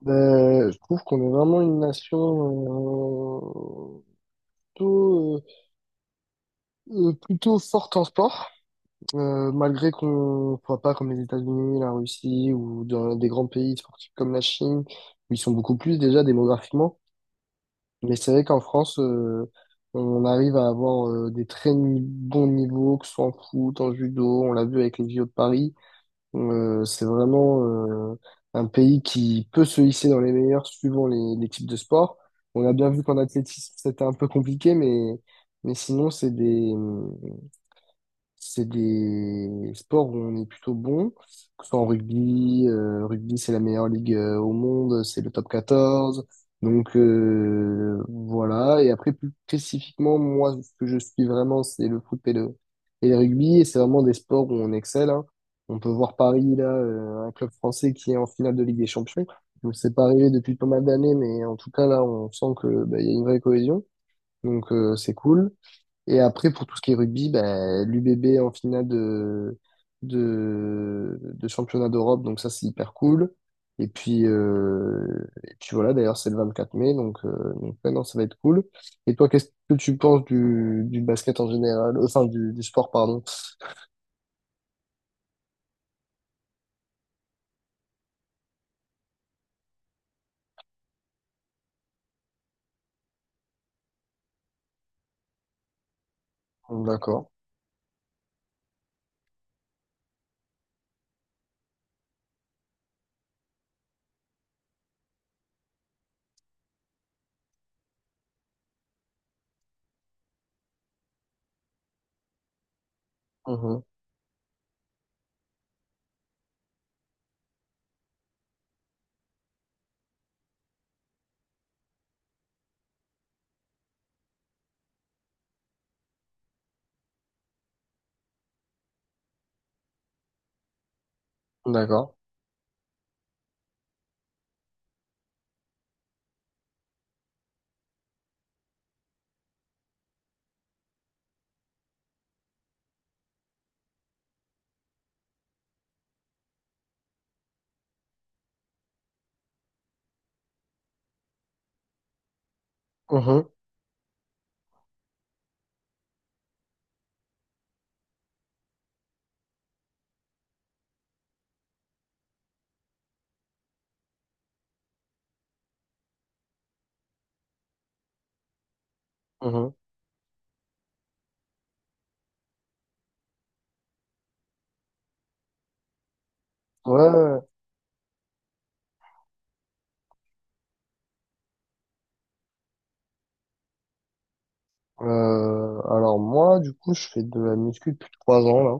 Ben, je trouve qu'on est vraiment une nation euh, plutôt, plutôt forte en sport, malgré qu'on ne soit pas comme les États-Unis, la Russie ou dans des grands pays sportifs comme la Chine, où ils sont beaucoup plus déjà démographiquement. Mais c'est vrai qu'en France, on arrive à avoir des très bons niveaux, que ce soit en foot, en judo, on l'a vu avec les JO de Paris. C'est vraiment euh, un pays qui peut se hisser dans les meilleurs suivant les types de sport. On a bien vu qu'en athlétisme, c'était un peu compliqué, mais sinon, c'est des sports où on est plutôt bon, que ce soit en rugby. Rugby, c'est la meilleure ligue au monde, c'est le Top 14. Donc voilà. Et après, plus spécifiquement, moi, ce que je suis vraiment, c'est le foot et le rugby. Et c'est vraiment des sports où on excelle, hein. On peut voir Paris, là, un club français qui est en finale de Ligue des Champions. Donc c'est pas arrivé depuis pas mal d'années, mais en tout cas, là, on sent que bah, il y a une vraie cohésion. Donc c'est cool. Et après, pour tout ce qui est rugby, ben, l'UBB en finale de championnat d'Europe, donc ça c'est hyper cool. Et puis voilà, d'ailleurs c'est le 24 mai, donc ouais, non, ça va être cool. Et toi, qu'est-ce que tu penses du basket en général, enfin du sport, pardon. D'accord. Mhm. D'accord. Mhm. Mhm. Ouais, ouais. Alors moi, du coup, je fais de la muscu depuis 3 ans là.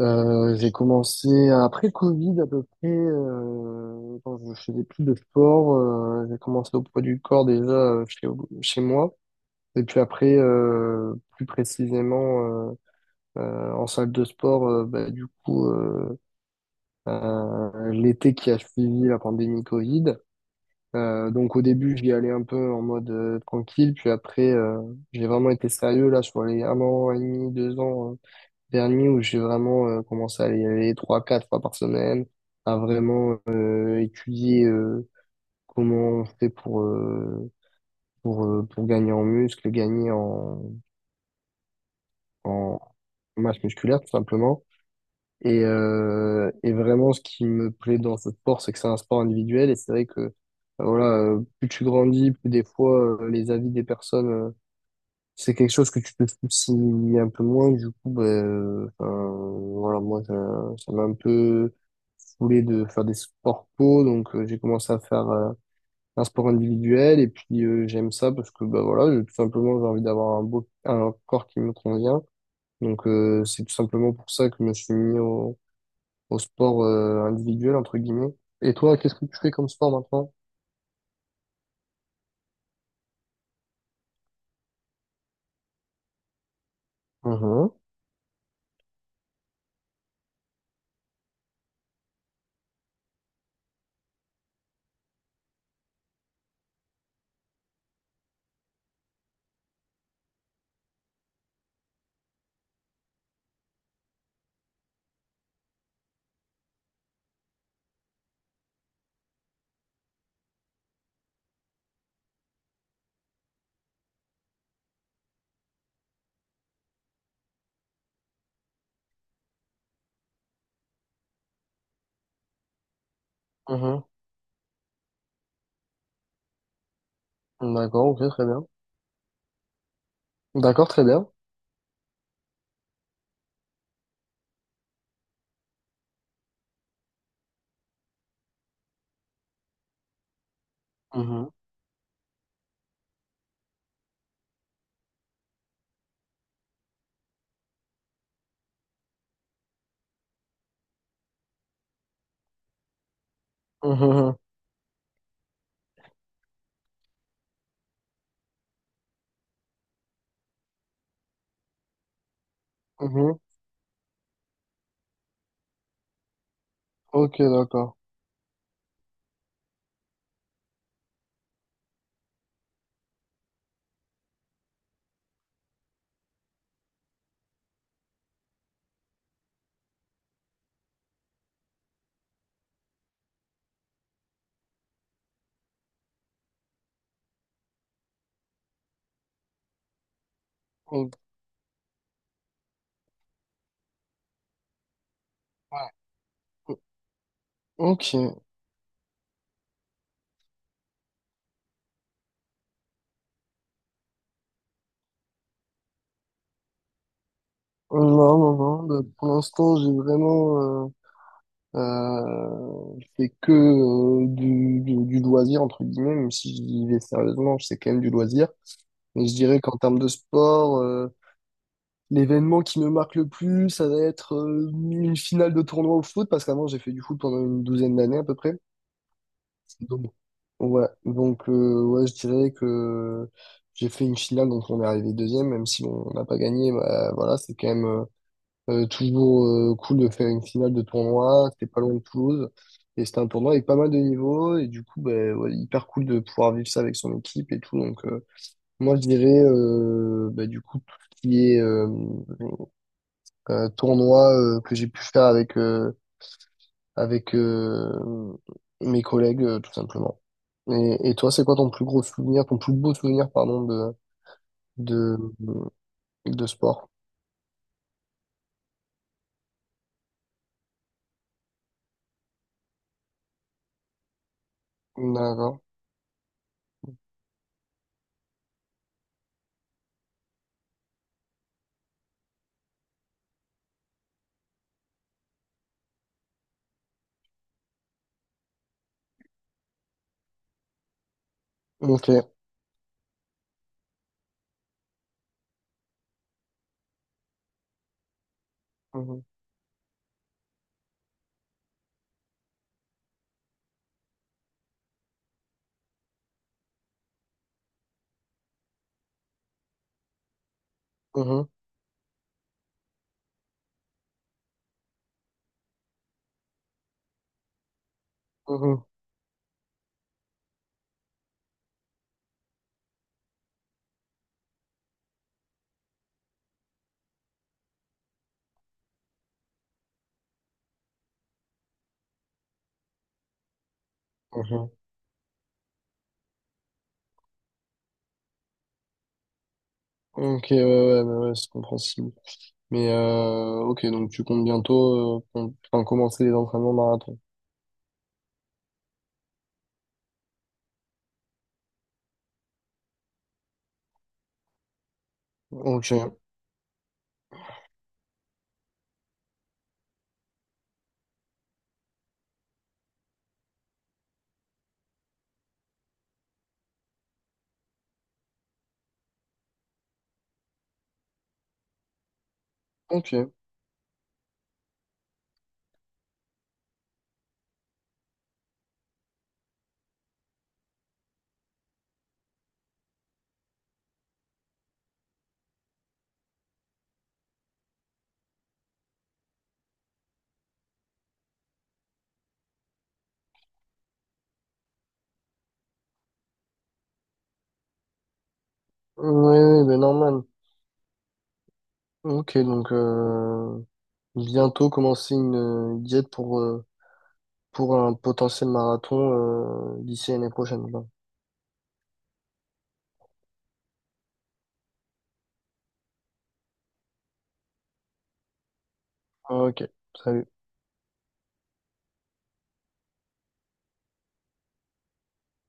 J'ai commencé après le Covid à peu près, quand je faisais plus de sport. J'ai commencé au poids du corps déjà chez moi. Et puis après, plus précisément en salle de sport, bah, du coup, l'été qui a suivi la pandémie Covid. Donc au début, j'y allais un peu en mode tranquille, puis après, j'ai vraiment été sérieux là sur les 1 an et demi, 2 ans dernier où j'ai vraiment commencé à y aller 3, 4 fois par semaine, à vraiment étudier comment on fait pour gagner en muscle, gagner en masse musculaire tout simplement. Et vraiment, ce qui me plaît dans ce sport, c'est que c'est un sport individuel. Et c'est vrai que voilà, plus tu grandis, plus des fois les avis des personnes c'est quelque chose que tu peux soucies un peu moins, du coup, ben, enfin, voilà, moi, ça m'a un peu saoulé de faire des sports co, donc j'ai commencé à faire un sport individuel, et puis j'aime ça parce que, bah voilà, tout simplement, j'ai envie d'avoir un corps qui me convient, donc c'est tout simplement pour ça que je me suis mis au sport individuel, entre guillemets. Et toi, qu'est-ce que tu fais comme sport maintenant? Mhm, mhm. D'accord, ok, très bien. D'accord, très bien. Mhm, mhm, mhm, mhm. Ok, d'accord. O- Ok. Non, non, non. Bah, pour l'instant, j'ai vraiment fait que du loisir, entre guillemets, même si je vivais sérieusement, c'est quand même du loisir. Mais je dirais qu'en termes de sport, l'événement qui me marque le plus, ça va être une finale de tournoi au foot, parce qu'avant, j'ai fait du foot pendant une douzaine d'années à peu près. Donc, ouais, je dirais que j'ai fait une finale, donc on est arrivé deuxième, même si on n'a pas gagné, bah, voilà, c'est quand même toujours cool de faire une finale de tournoi, c'était pas loin de Toulouse, et c'était un tournoi avec pas mal de niveaux, et du coup, bah, ouais, hyper cool de pouvoir vivre ça avec son équipe et tout, donc moi je dirais, bah, du coup, tout ce qui est tournoi que j'ai pu faire avec avec mes collègues, tout simplement. Et toi, c'est quoi ton plus gros souvenir, ton plus beau souvenir, pardon, de, de sport? D'accord. Ok. Mhm. Mhm. Mhm. Mhm. Ok, ouais, ouais, ouais, ouais, c'est compréhensible. Mais ok, donc tu comptes bientôt enfin, commencer les entraînements marathon. Ok, ok. Ouais, ouais, ben normal. Ok, donc bientôt commencer une diète pour un potentiel marathon d'ici l'année prochaine, quoi. Ok, salut.